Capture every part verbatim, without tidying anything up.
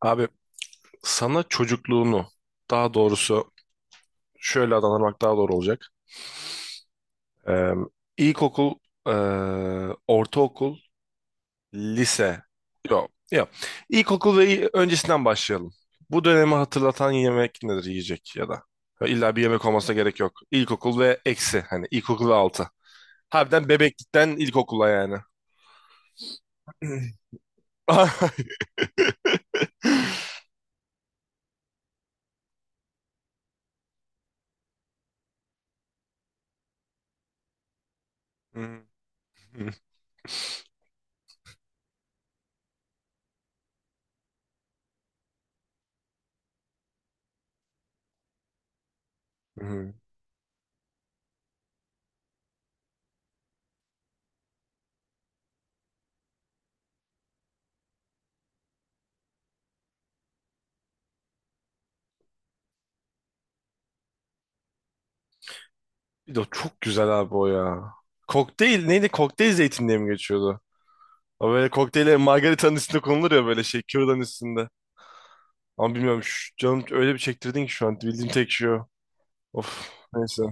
Abi sana çocukluğunu daha doğrusu şöyle adlandırmak daha doğru olacak. Ee, ilkokul, e, ortaokul, lise. Yok, yok. İlkokul ve il- öncesinden başlayalım. Bu dönemi hatırlatan yemek nedir yiyecek ya da? İlla bir yemek olmasına gerek yok. İlkokul ve eksi hani ilkokul ve altı. Harbiden bebeklikten ilkokula yani. Hmm. Hmm. Bir de o çok güzel abi o ya. Kokteyl neydi? Kokteyl zeytin diye mi geçiyordu? O böyle kokteyle margaritanın üstünde konulur ya böyle şey kürdanın üstünde. Ama bilmiyorum şu canım öyle bir çektirdin ki şu an bildiğim tek şey o. Of neyse.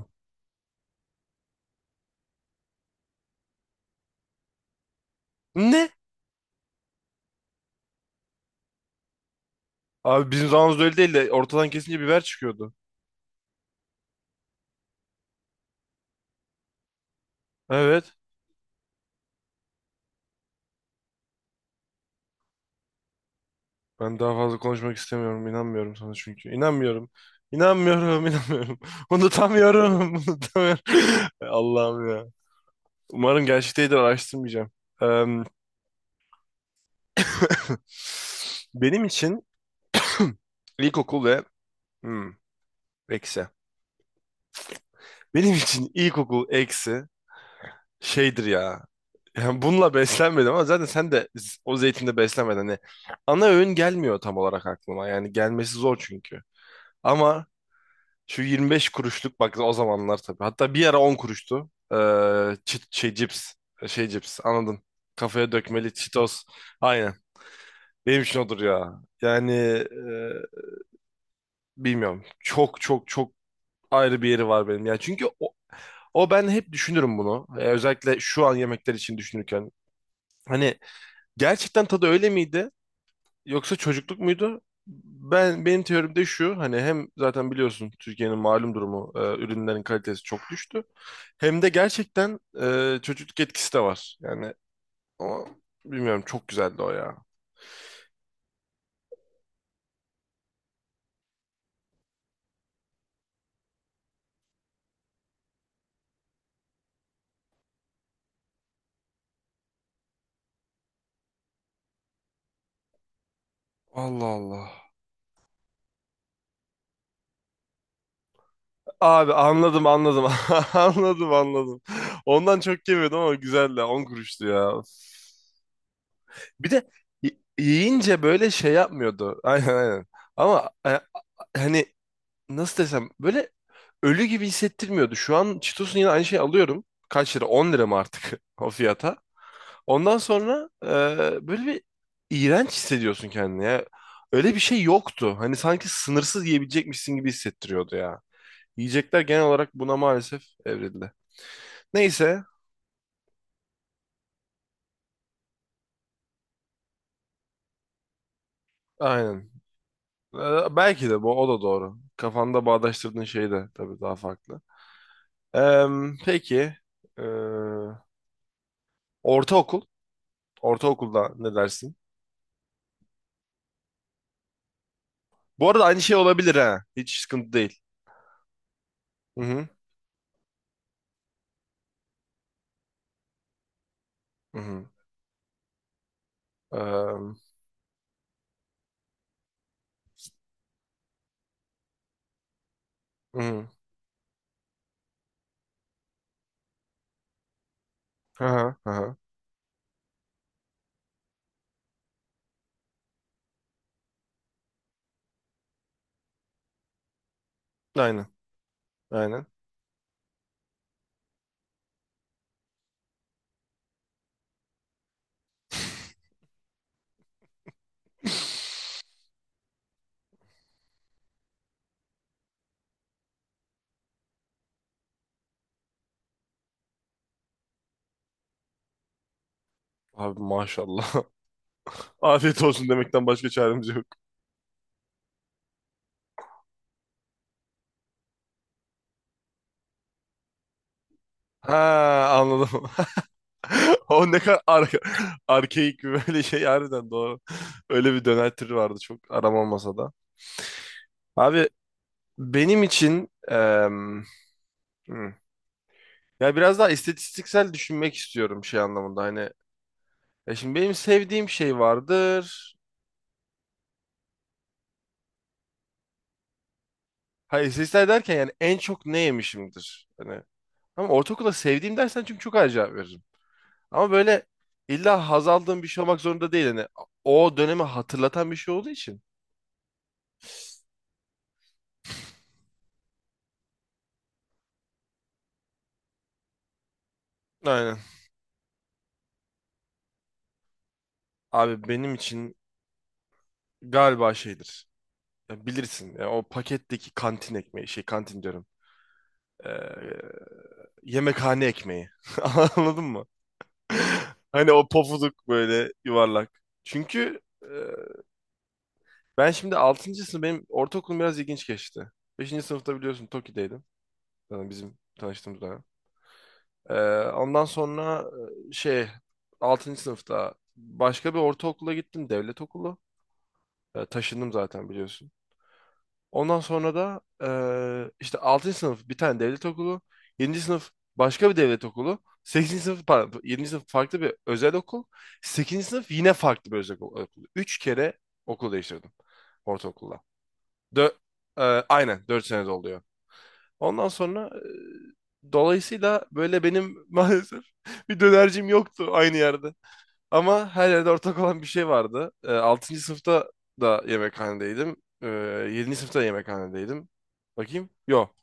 Ne? Abi bizim zamanımızda öyle değil de ortadan kesince biber çıkıyordu. Evet. Ben daha fazla konuşmak istemiyorum. İnanmıyorum sana çünkü. İnanmıyorum. İnanmıyorum, inanmıyorum. Unutamıyorum, unutamıyorum. Allah'ım ya. Umarım gerçekteydi araştırmayacağım. Em, benim için ilkokul ve... Hmm, eksi. Benim için ilkokul eksi şeydir ya. Yani bununla beslenmedim ama zaten sen de z- o zeytinde beslenmedin. Hani ana öğün gelmiyor tam olarak aklıma. Yani gelmesi zor çünkü. Ama şu yirmi beş kuruşluk bak o zamanlar tabii. Hatta bir ara on kuruştu. Ee, çi- şey cips. Şey cips anladın. Kafaya dökmeli Cheetos. Aynen. Benim için odur ya. Yani e, bilmiyorum. Çok çok çok ayrı bir yeri var benim. Ya çünkü o, o ben hep düşünürüm bunu. Ee, özellikle şu an yemekler için düşünürken. Hani gerçekten tadı öyle miydi? Yoksa çocukluk muydu? Ben benim teorim de şu hani hem zaten biliyorsun Türkiye'nin malum durumu e, ürünlerin kalitesi çok düştü. Hem de gerçekten e, çocukluk etkisi de var. Yani ama bilmiyorum çok güzeldi o ya. Allah Allah. Abi anladım anladım. Anladım anladım. Ondan çok yemedim ama güzeldi. On kuruştu ya. Bir de y- yiyince böyle şey yapmıyordu. Aynen aynen. Ama e, hani nasıl desem böyle ölü gibi hissettirmiyordu. Şu an Cheetos'un yine aynı şeyi alıyorum. Kaç lira? On lira mı artık o fiyata? Ondan sonra e, böyle bir iğrenç hissediyorsun kendini ya. Öyle bir şey yoktu. Hani sanki sınırsız yiyebilecekmişsin gibi hissettiriyordu ya. Yiyecekler genel olarak buna maalesef evrildi. Neyse. Aynen. Ee, belki de bu o da doğru. Kafanda bağdaştırdığın şey de tabii daha farklı. Ee, peki. ee, ortaokul. Ortaokulda ne dersin? Bu arada aynı şey olabilir ha. Hiç sıkıntı değil. Hı hı. Hı hı. Ee, hı hı. Hı hı. Aynen. Aynen. Abi maşallah. Afiyet olsun demekten başka çaremiz yok. Ha anladım. O ne kadar ar arkeik bir böyle şey harbiden doğru. Öyle bir döner vardı çok aram masada. Abi benim için em, hmm, ya biraz daha istatistiksel düşünmek istiyorum şey anlamında hani. Ya şimdi benim sevdiğim şey vardır. Hayır istatistiksel derken yani en çok ne yemişimdir. Hani, ama ortaokulda sevdiğim dersen çünkü çok acayip veririm. Ama böyle illa haz aldığım bir şey olmak zorunda değil. Hani o dönemi hatırlatan bir şey olduğu için. Aynen. Abi benim için galiba şeydir. Ya bilirsin ya o paketteki kantin ekmeği şey kantin diyorum. Ee, yemekhane ekmeği. Anladın mı? Hani o pofuduk böyle yuvarlak. Çünkü e, ben şimdi altıncı sınıf benim ortaokulum biraz ilginç geçti. Beşinci sınıfta biliyorsun Toki'deydim. Yani bizim tanıştığımız dönem. Ee, ondan sonra e, şey altıncı sınıfta başka bir ortaokula gittim devlet okulu. Ee, taşındım zaten biliyorsun. Ondan sonra da eee, işte altıncı sınıf bir tane devlet okulu, yedinci sınıf başka bir devlet okulu, sekizinci sınıf pardon, yedinci sınıf farklı bir özel okul, sekizinci sınıf yine farklı bir özel okul. Üç kere okul değiştirdim ortaokulda. Dö eee, aynen dört sene oluyor. Ondan sonra eee, dolayısıyla böyle benim maalesef bir dönercim yoktu aynı yerde. Ama her yerde ortak olan bir şey vardı. E, altıncı sınıfta da yemekhanedeydim. E, yedinci sınıfta da yemekhanedeydim. Bakayım. Yok.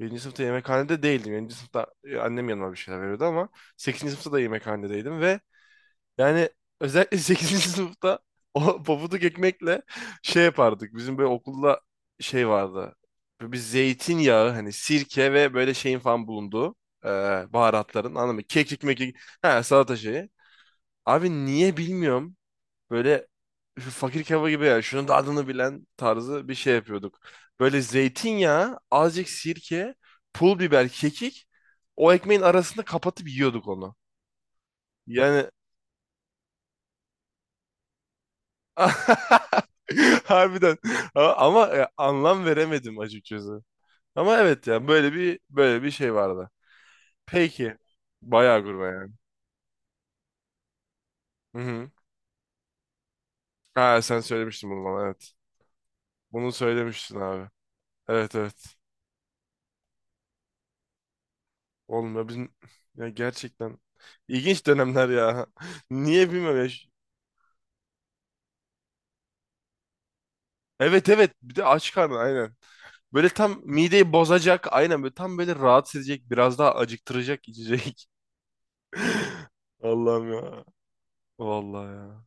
Yedinci sınıfta yemekhanede değildim. Yedinci sınıfta e, annem yanıma bir şeyler veriyordu ama sekizinci sınıfta da yemekhanedeydim ve yani özellikle sekizinci sınıfta o pabuduk ekmekle şey yapardık. Bizim böyle okulda şey vardı. Böyle bir zeytinyağı hani sirke ve böyle şeyin falan bulunduğu e, baharatların anladın mı? Kekik mekik. Ha salata şeyi. Abi niye bilmiyorum. Böyle şu fakir kebabı gibi ya. Şunun da adını bilen tarzı bir şey yapıyorduk. Böyle zeytinyağı, azıcık sirke, pul biber, kekik. O ekmeğin arasında kapatıp yiyorduk onu. Yani harbiden A- ama e, anlam veremedim açıkçası. Ama evet ya böyle bir böyle bir şey vardı. Peki. Bayağı gurme yani. Hı hı. Ha, sen söylemiştin bunu bana evet. Bunu söylemiştin abi. Evet evet. Oğlum ya bizim ya gerçekten ilginç dönemler ya. Niye bilmiyorum ya. Evet evet bir de aç karnı aynen. Böyle tam mideyi bozacak aynen böyle tam böyle rahatsız edecek biraz daha acıktıracak içecek. Allah'ım ya. Vallahi ya.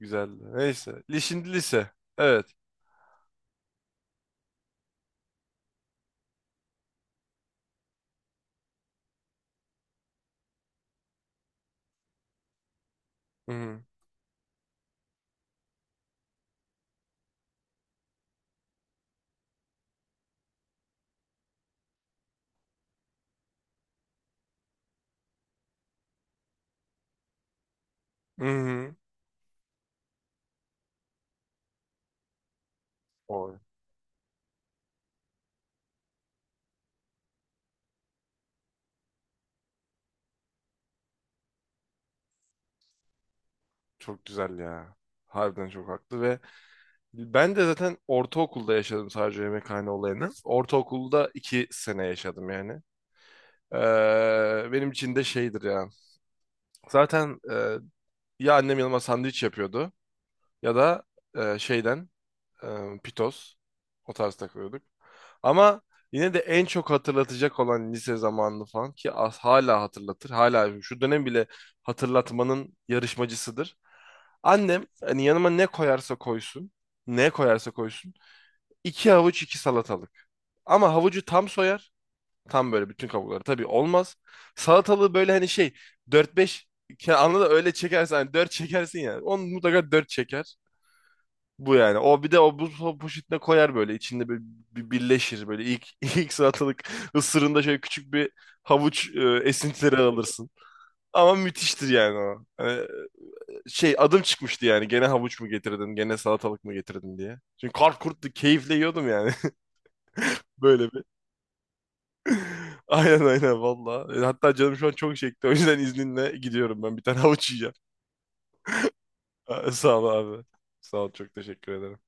Güzeldi. Neyse. Li- Şimdi lise. Evet. Hı hı. Hı hı. Oy, çok güzel ya. Harbiden çok haklı ve ben de zaten ortaokulda yaşadım sadece yemekhane olayını. Ortaokulda iki sene yaşadım yani. Ee, benim için de şeydir ya. Zaten e, ya annem yanıma sandviç yapıyordu ya da e, şeyden e, pitoz o tarz takılıyorduk. Ama yine de en çok hatırlatacak olan lise zamanını falan ki as- hala hatırlatır. Hala şu dönem bile hatırlatmanın yarışmacısıdır. Annem hani yanıma ne koyarsa koysun, ne koyarsa koysun iki havuç iki salatalık. Ama havucu tam soyar. Tam böyle bütün kabukları. Tabii olmaz. Salatalığı böyle hani şey dört beş anla anladın öyle çekersen hani dört çekersin yani. Onu mutlaka dört çeker. Bu yani. O bir de o buz po- poşetine koyar böyle. İçinde böyle bir birleşir böyle. İlk ilk salatalık ısırında şöyle küçük bir havuç e, esintileri alırsın. Ama müthiştir yani o. Hani, e, şey adım çıkmıştı yani. Gene havuç mu getirdin? Gene salatalık mı getirdin diye. Çünkü kar kurttu. Keyifle yiyordum yani. Böyle bir. Aynen aynen valla. E, Hatta canım şu an çok çekti. O yüzden izninle gidiyorum ben. Bir tane havuç yiyeceğim. Sağ ol abi. Sağ ol çok teşekkür ederim.